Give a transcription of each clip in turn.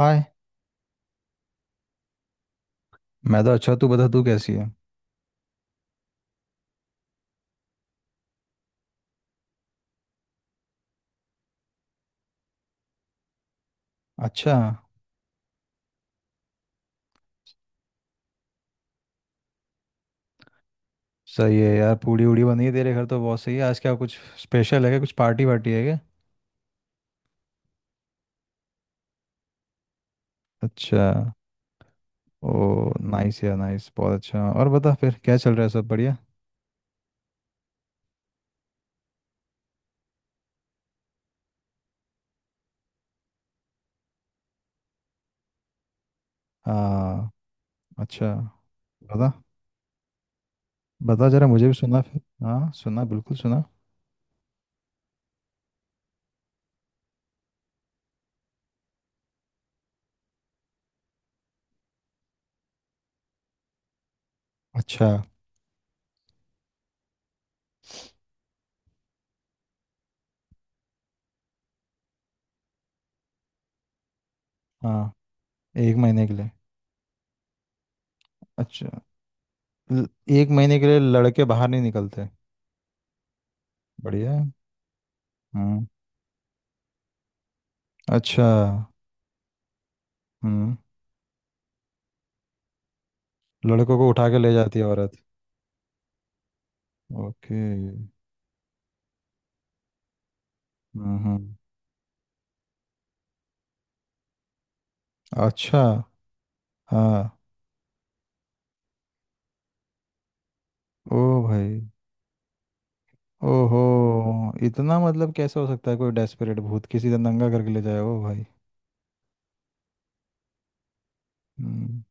हाय। मैं तो अच्छा, तू बता तू कैसी है? अच्छा, सही है यार। पूड़ी उड़ी बनी है तेरे घर तो बहुत सही है। आज क्या कुछ स्पेशल है? क्या कुछ पार्टी वार्टी है क्या? अच्छा। ओ नाइस यार नाइस, बहुत अच्छा। और बता फिर क्या चल रहा है, सब बढ़िया? हाँ। अच्छा। बता बता जरा मुझे भी सुना फिर। हाँ सुना, बिल्कुल सुना। अच्छा। हाँ, एक महीने के लिए। अच्छा। ल- एक महीने के लिए लड़के बाहर नहीं निकलते? बढ़िया है। हम्म। अच्छा। हम्म। लड़कों को उठा के ले जाती है औरत? ओके। हम्म, हम्म। अच्छा। हाँ। ओ भाई। ओहो, इतना मतलब कैसे हो सकता है? कोई डेस्परेट भूत किसी से नंगा करके ले जाए? ओ भाई। हम्म।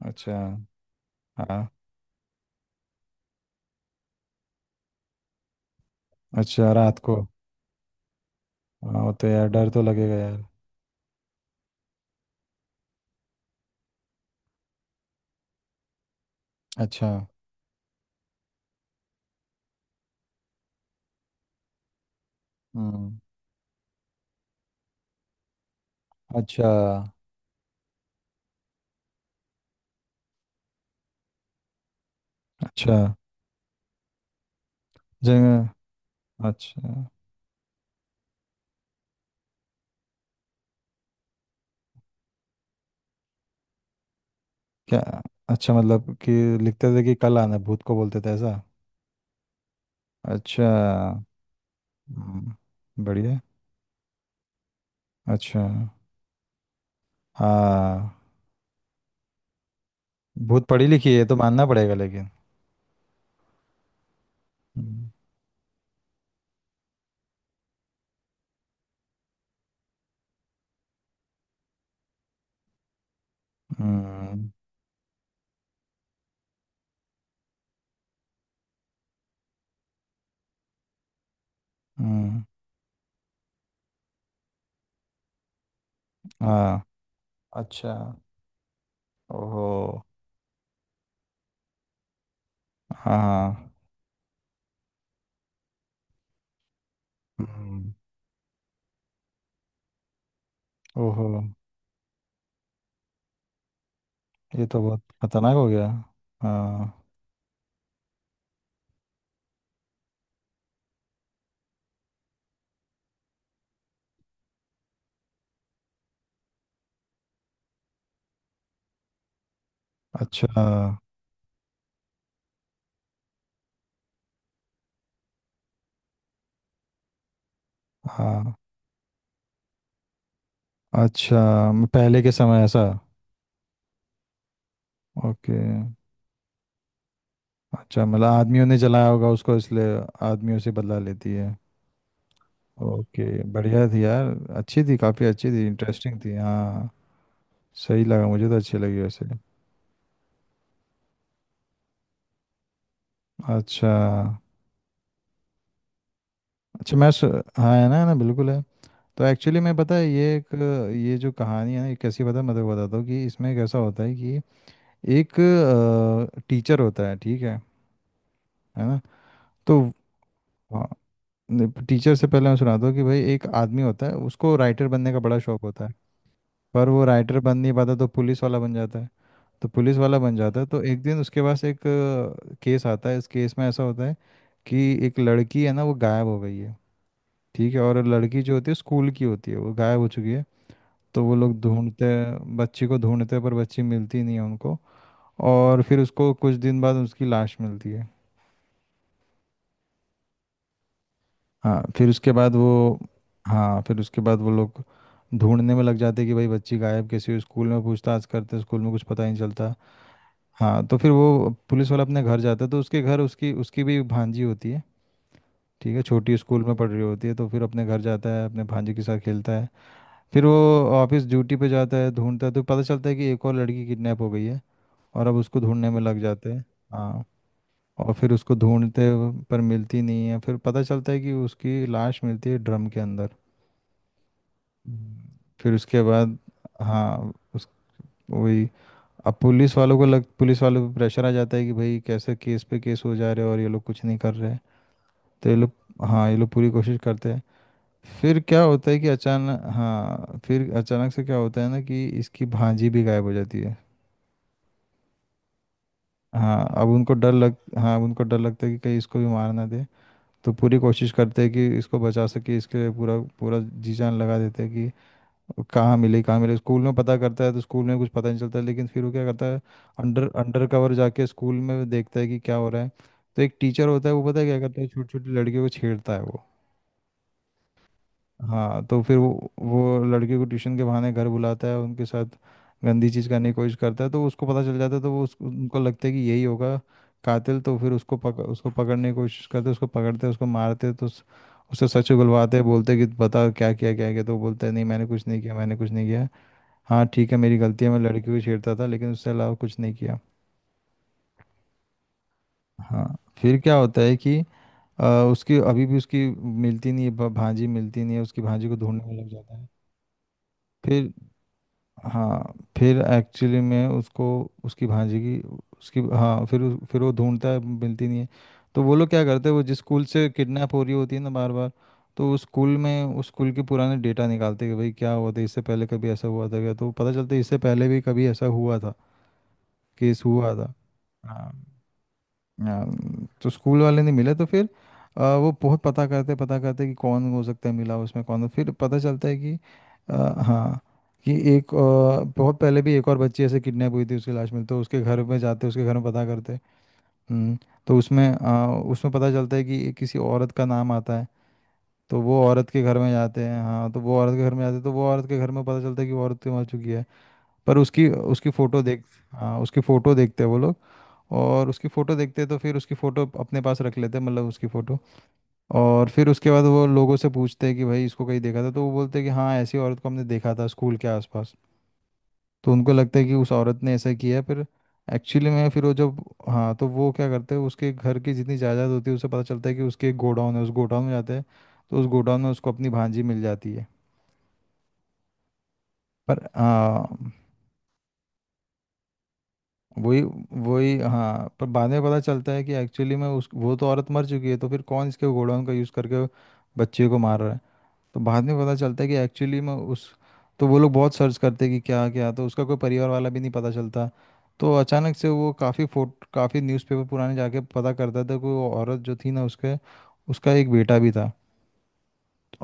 अच्छा। हाँ। अच्छा, रात को। हाँ वो तो यार डर तो लगेगा यार। अच्छा। हम्म। अच्छा। अच्छा। जगह। अच्छा। क्या? अच्छा मतलब कि लिखते थे कि कल आना, भूत को बोलते थे ऐसा? अच्छा। हम्म। बढ़िया। अच्छा। हाँ। भूत पढ़ी लिखी है, ये तो मानना पड़ेगा लेकिन। हम्म। हम्म। हम्म। हाँ। अच्छा। ओहो। हाँ। हम्म। ओहो। ये तो बहुत खतरनाक हो गया। हाँ। अच्छा। हाँ। अच्छा, पहले के समय ऐसा? ओके। अच्छा मतलब आदमियों ने जलाया होगा उसको इसलिए? आदमियों से बदला लेती है। ओके। बढ़िया थी यार। अच्छी थी, काफ़ी अच्छी थी, इंटरेस्टिंग थी। हाँ। सही लगा मुझे, तो अच्छी लगी वैसे। अच्छा। अच्छा मैं सु... हाँ है ना, है ना, बिल्कुल है। तो एक्चुअली मैं पता है ये एक ये जो कहानी है ना, ये कैसी पता है, मैं तो बताता हूँ कि इसमें कैसा होता है कि एक टीचर होता है, ठीक है? है ना? तो टीचर से पहले मैं सुनाता हूँ कि भाई एक आदमी होता है, उसको राइटर बनने का बड़ा शौक होता है। पर वो राइटर बन नहीं पाता तो पुलिस वाला बन जाता है। तो एक दिन उसके पास एक केस आता है। इस केस में ऐसा होता है कि एक लड़की है ना, वो गायब हो गई है। ठीक है, और लड़की जो होती है स्कूल की होती है, वो गायब हो चुकी है। तो वो लोग ढूंढते हैं बच्ची को ढूंढते हैं पर बच्ची मिलती नहीं है उनको। और फिर उसको कुछ दिन बाद उसकी लाश मिलती है। हाँ फिर उसके बाद वो हाँ फिर उसके बाद वो लोग ढूंढने में लग जाते हैं कि भाई बच्ची गायब कैसी हुई। स्कूल में पूछताछ करते हैं, स्कूल में कुछ पता ही नहीं चलता। हाँ तो फिर वो पुलिस वाला अपने घर जाता है तो उसके घर उसकी उसकी भी भांजी होती है। ठीक है, छोटी स्कूल में पढ़ रही होती है। तो फिर अपने घर जाता है, अपने भांजी के साथ खेलता है। फिर वो ऑफिस ड्यूटी पे जाता है, ढूंढता है तो पता चलता है कि एक और लड़की किडनैप हो गई है। और अब उसको ढूंढने में लग जाते हैं। हाँ और फिर उसको ढूंढते पर मिलती नहीं है। फिर पता चलता है कि उसकी लाश मिलती है ड्रम के अंदर। हम्म। फिर उसके बाद, हाँ उस, वही, अब पुलिस वालों को लग पुलिस वालों पे प्रेशर आ जाता है कि भाई कैसे केस पे केस हो जा रहे हैं और ये लोग कुछ नहीं कर रहे हैं। तो ये लोग, हाँ ये लोग पूरी कोशिश करते हैं। फिर क्या होता है कि अचानक हाँ फिर अचानक से क्या होता है ना कि इसकी भांजी भी गायब हो जाती है। हाँ अब उनको डर लग हाँ अब उनको डर लगता है कि कहीं इसको भी मार ना दे। तो पूरी कोशिश करते हैं कि इसको बचा सके, इसके लिए पूरा पूरा जी जान लगा देते हैं कि कहाँ मिले कहाँ मिले। स्कूल में पता करता है तो स्कूल में कुछ पता नहीं चलता है। लेकिन फिर वो क्या करता है, अंडर अंडर कवर जाके स्कूल में देखता है कि क्या हो रहा है। तो एक टीचर होता है, वो पता है क्या करता है, छोटी छोटी लड़कियों को छेड़ता है वो। हाँ तो फिर वो लड़के को ट्यूशन के बहाने घर बुलाता है, उनके साथ गंदी चीज़ करने की कोशिश करता है। तो उसको पता चल जाता है तो वो उसको उनको लगता है कि यही होगा कातिल। तो फिर उसको उसको पकड़ने की कोशिश करते हैं, उसको पकड़ते हैं, उसको मारते हैं तो उससे सच उगलवाते हैं, बोलते हैं कि बता क्या किया क्या किया। तो वो बोलता है नहीं मैंने कुछ नहीं किया, मैंने कुछ नहीं किया। हाँ ठीक है, मेरी गलती है, मैं लड़की को छेड़ता था लेकिन उससे अलावा कुछ नहीं किया। हाँ फिर क्या होता है कि अ, उसकी अभी भी उसकी मिलती नहीं है, भांजी मिलती नहीं है, उसकी भांजी को ढूंढने में लग जाता है। फिर हाँ फिर एक्चुअली में उसको, उसकी भांजी की उसकी हाँ फिर फिर वो ढूंढता है मिलती नहीं है। तो वो लोग क्या करते हैं, वो जिस स्कूल से किडनैप हो रही होती है ना बार बार, तो उस स्कूल में उस स्कूल के पुराने डेटा निकालते हैं कि भाई क्या हुआ था, इससे पहले कभी ऐसा हुआ था क्या। तो पता चलता है इससे पहले भी कभी ऐसा हुआ था, केस हुआ था। हाँ, आ, तो स्कूल वाले नहीं मिले तो फिर वो बहुत पता करते कि कौन हो सकता है, मिला उसमें कौन हो। फिर पता चलता है कि, आ, हाँ कि एक, बहुत पहले भी एक और बच्ची ऐसे किडनैप हुई थी, उसकी लाश मिलती तो उसके घर में जाते, उसके घर में पता करते। हम्म तो उसमें उसमें पता चलता है कि किसी औरत का नाम आता है। तो वो औरत के घर में जाते हैं, हाँ तो वो औरत के घर में जाते हैं तो वो औरत के घर में पता चलता है कि वो औरत तो मर चुकी है। पर उसकी उसकी फोटो देख, हाँ उसकी फोटो देखते हैं वो लोग। और उसकी फोटो देखते हैं तो फिर उसकी फोटो अपने पास रख लेते हैं, मतलब उसकी फोटो। और फिर उसके बाद वो लोगों से पूछते हैं कि भाई इसको कहीं देखा था। तो वो बोलते हैं कि हाँ ऐसी औरत को हमने देखा था स्कूल के आसपास। तो उनको लगता है कि उस औरत ने ऐसा किया। फिर एक्चुअली में फिर वो जब हाँ तो वो क्या करते हैं उसके घर की जितनी जायदाद होती है, उसे पता चलता है कि उसके एक गोडाउन है। उस गोडाउन में जाते हैं तो उस गोडाउन में उसको अपनी भांजी मिल जाती है। पर हाँ वही वही, हाँ पर बाद में पता चलता है कि एक्चुअली में उस वो तो औरत मर चुकी है। तो फिर कौन इसके घोड़ों का यूज़ करके बच्चे को मार रहा है? तो बाद में पता चलता है कि एक्चुअली में उस तो वो लोग बहुत सर्च करते हैं कि क्या क्या। तो उसका कोई परिवार वाला भी नहीं पता चलता। तो अचानक से वो काफ़ी फोट काफ़ी न्यूज़पेपर पुराने जाके पता करता था कि वो औरत जो थी ना उसके, उसका एक बेटा भी था।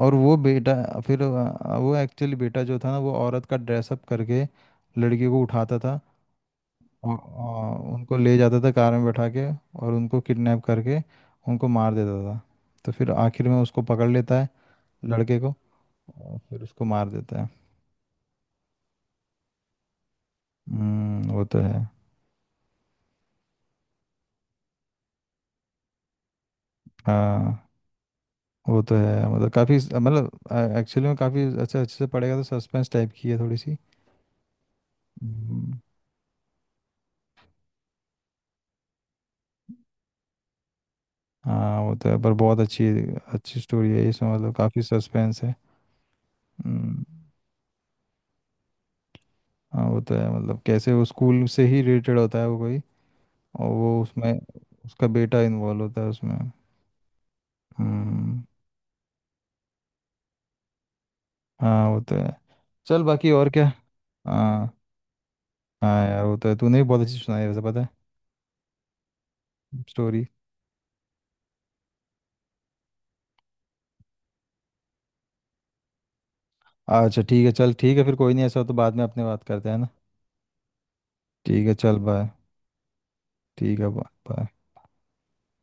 और वो बेटा, फिर वो एक्चुअली बेटा जो था ना वो औरत का ड्रेसअप करके लड़की को उठाता था। हाँ, हाँ, उनको ले जाता था कार में बैठा के और उनको किडनैप करके उनको मार देता था। तो फिर आखिर में उसको पकड़ लेता है, लड़के को, और फिर उसको मार देता है। वो तो है। हाँ वो तो है, मतलब काफ़ी, मतलब एक्चुअली में काफ़ी अच्छा अच्छे से पड़ेगा तो सस्पेंस टाइप की है थोड़ी सी। हम्म। हाँ वो तो है, पर बहुत अच्छी अच्छी स्टोरी है इसमें, मतलब काफ़ी सस्पेंस है। हम्म। हाँ वो तो है, मतलब कैसे वो स्कूल से ही रिलेटेड होता है वो कोई। और वो उसमें, उसका बेटा इन्वॉल्व होता है उसमें। हम्म। हाँ वो तो है। चल बाकी और क्या। हाँ, हाँ यार वो तो है, तूने भी बहुत अच्छी सुनाई है वैसे पता है, स्टोरी। अच्छा ठीक है, चल ठीक है फिर कोई नहीं, ऐसा हो तो बाद में अपने बात करते हैं ना। ठीक है चल बाय। ठीक है बाय।